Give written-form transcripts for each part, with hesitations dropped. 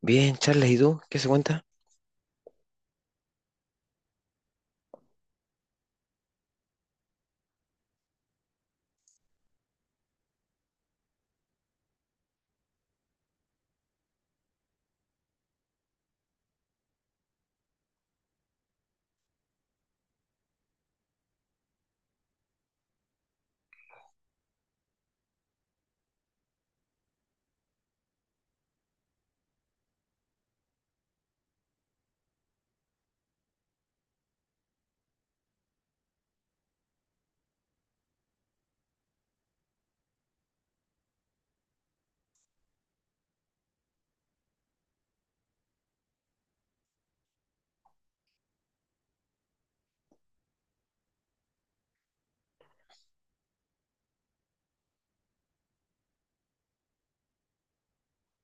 Bien, Charles, ¿y tú? ¿Qué se cuenta?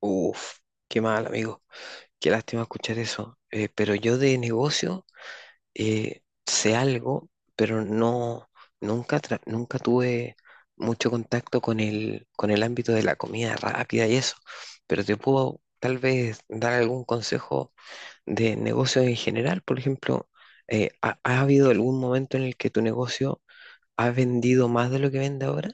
Uf, qué mal, amigo. Qué lástima escuchar eso. Pero yo de negocio sé algo, pero no, nunca, nunca tuve mucho contacto con con el ámbito de la comida rápida y eso. Pero te puedo tal vez dar algún consejo de negocios en general. Por ejemplo, ha habido algún momento en el que tu negocio ha vendido más de lo que vende ahora?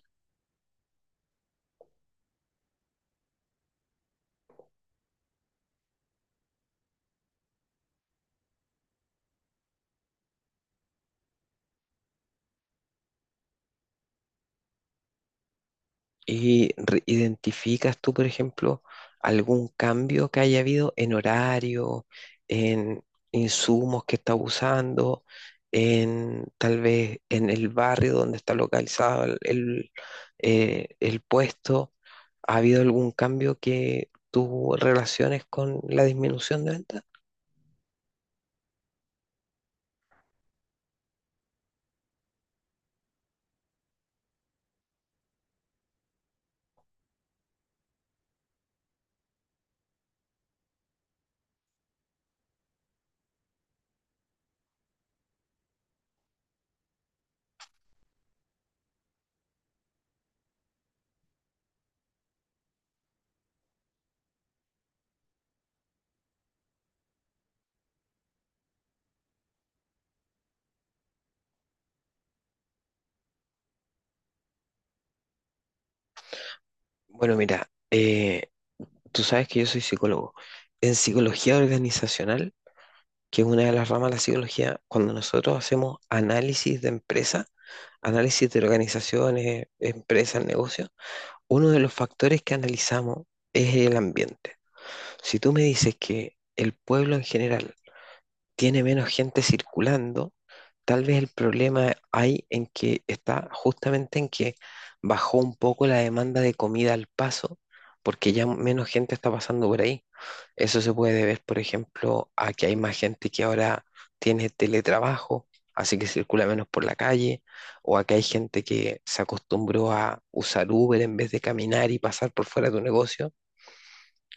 ¿Y identificas tú, por ejemplo, algún cambio que haya habido en horario, en insumos que estás usando, en tal vez en el barrio donde está localizado el puesto? ¿Ha habido algún cambio que tú relaciones con la disminución de ventas? Bueno, mira, tú sabes que yo soy psicólogo. En psicología organizacional, que es una de las ramas de la psicología, cuando nosotros hacemos análisis de empresa, análisis de organizaciones, empresas, negocios, uno de los factores que analizamos es el ambiente. Si tú me dices que el pueblo en general tiene menos gente circulando, tal vez el problema hay en que está justamente en que bajó un poco la demanda de comida al paso, porque ya menos gente está pasando por ahí. Eso se puede ver, por ejemplo, a que hay más gente que ahora tiene teletrabajo, así que circula menos por la calle, o a que hay gente que se acostumbró a usar Uber en vez de caminar y pasar por fuera de un negocio.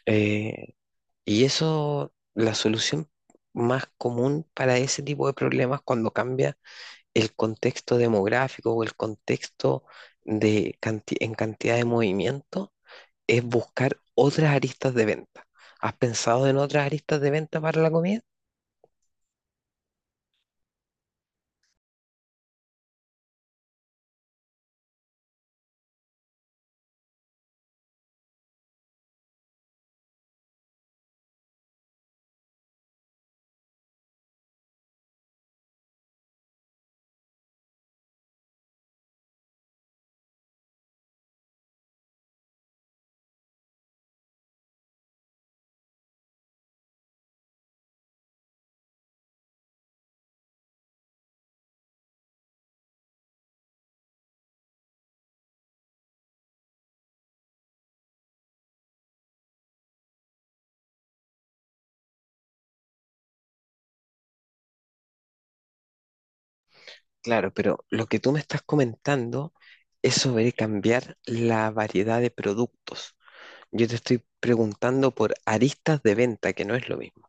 Eh, y eso, la solución más común para ese tipo de problemas cuando cambia el contexto demográfico o el contexto en cantidad de movimiento es buscar otras aristas de venta. ¿Has pensado en otras aristas de venta para la comida? Claro, pero lo que tú me estás comentando es sobre cambiar la variedad de productos. Yo te estoy preguntando por aristas de venta, que no es lo mismo.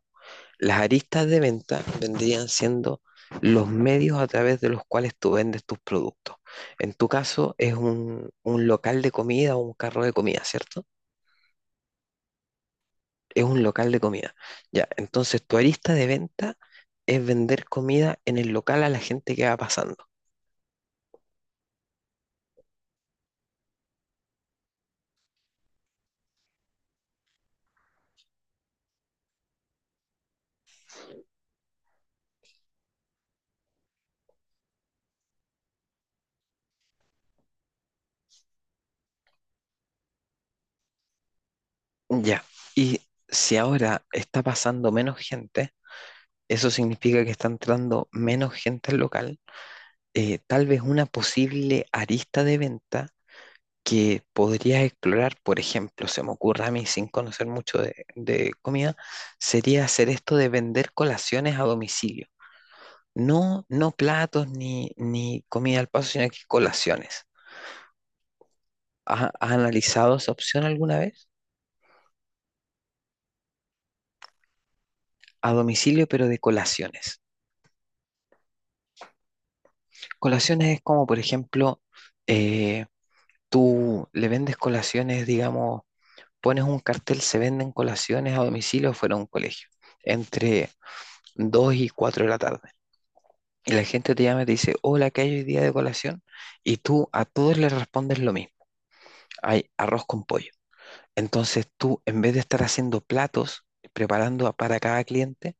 Las aristas de venta vendrían siendo los medios a través de los cuales tú vendes tus productos. En tu caso es un local de comida o un carro de comida, ¿cierto? Es un local de comida. Ya, entonces tu arista de venta es vender comida en el local a la gente que va pasando. Ya, y si ahora está pasando menos gente, eso significa que está entrando menos gente al local. Tal vez una posible arista de venta que podrías explorar, por ejemplo, se me ocurre a mí sin conocer mucho de comida, sería hacer esto de vender colaciones a domicilio. No, no platos ni comida al paso, sino que colaciones. ¿Has analizado esa opción alguna vez? A domicilio, pero de colaciones. Colaciones es como, por ejemplo, eh, tú le vendes colaciones, digamos, pones un cartel, se venden colaciones a domicilio fuera de un colegio, entre 2 y 4 de la tarde. Y la gente te llama y te dice, hola, ¿qué hay hoy día de colación? Y tú a todos les respondes lo mismo, hay arroz con pollo. Entonces tú, en vez de estar haciendo platos, preparando para cada cliente,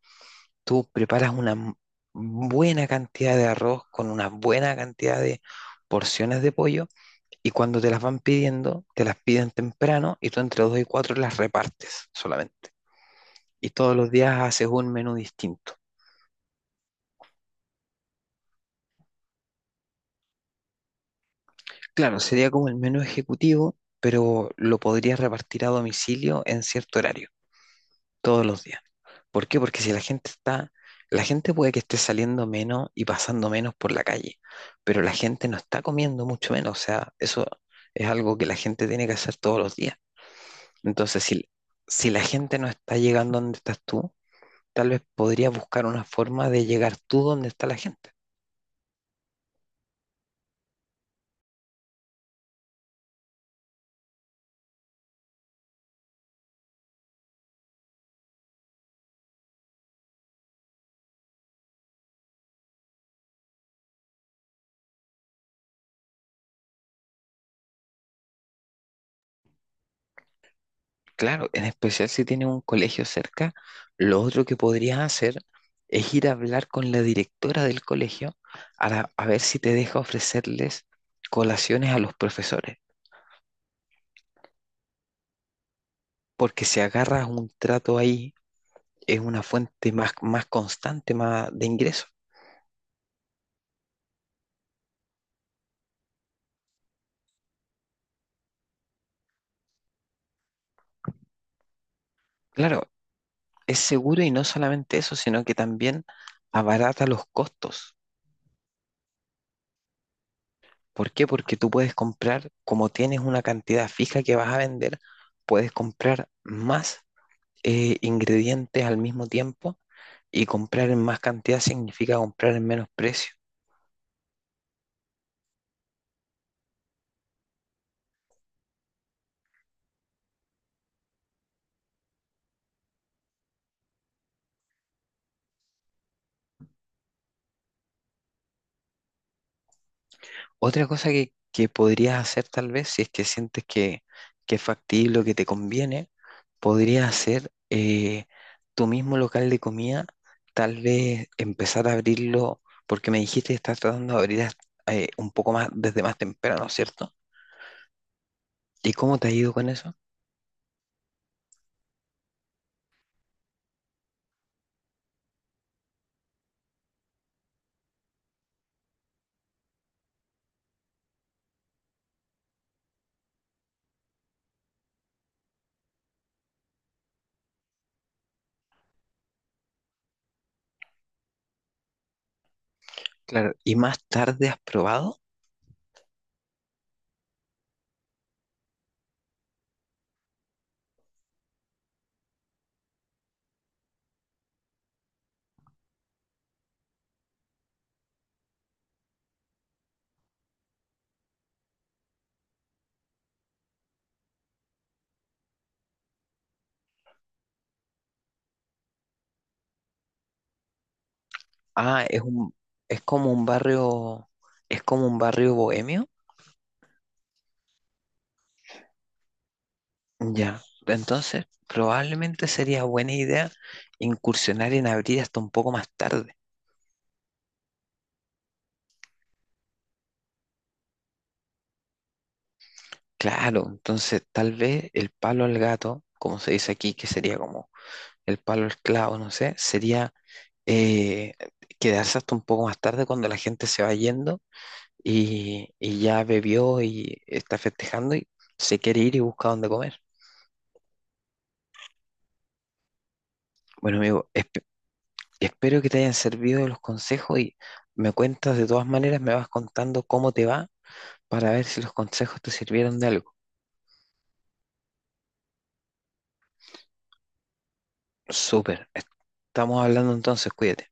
tú preparas buena cantidad de arroz con una buena cantidad de porciones de pollo y cuando te las van pidiendo, te las piden temprano y tú entre dos y cuatro las repartes solamente. Y todos los días haces un menú distinto. Claro, sería como el menú ejecutivo, pero lo podrías repartir a domicilio en cierto horario, todos los días. ¿Por qué? Porque si la gente está, la gente puede que esté saliendo menos y pasando menos por la calle, pero la gente no está comiendo mucho menos. O sea, eso es algo que la gente tiene que hacer todos los días. Entonces, si, la gente no está llegando donde estás tú, tal vez podrías buscar una forma de llegar tú donde está la gente. Claro, en especial si tienes un colegio cerca, lo otro que podrías hacer es ir a hablar con la directora del colegio a, a ver si te deja ofrecerles colaciones a los profesores, porque si agarras un trato ahí es una fuente más, más constante más de ingresos. Claro, es seguro y no solamente eso, sino que también abarata los costos. ¿Por qué? Porque tú puedes comprar, como tienes una cantidad fija que vas a vender, puedes comprar más ingredientes al mismo tiempo y comprar en más cantidad significa comprar en menos precio. Otra cosa que podrías hacer tal vez, si es que sientes que es factible o que te conviene, podrías hacer tu mismo local de comida, tal vez empezar a abrirlo, porque me dijiste que estás tratando de abrir un poco más desde más temprano, ¿cierto? ¿Y cómo te ha ido con eso? Claro, ¿y más tarde has probado? Ah, es un, es como un barrio, es como un barrio bohemio. Ya. Entonces, probablemente sería buena idea incursionar en abrir hasta un poco más tarde. Claro, entonces tal vez el palo al gato, como se dice aquí, que sería como el palo al clavo, no sé, sería eh, quedarse hasta un poco más tarde cuando la gente se va yendo y ya bebió y está festejando y se quiere ir y busca dónde comer. Bueno, amigo, espero que te hayan servido los consejos y me cuentas de todas maneras, me vas contando cómo te va para ver si los consejos te sirvieron de algo. Súper. Estamos hablando entonces, cuídate.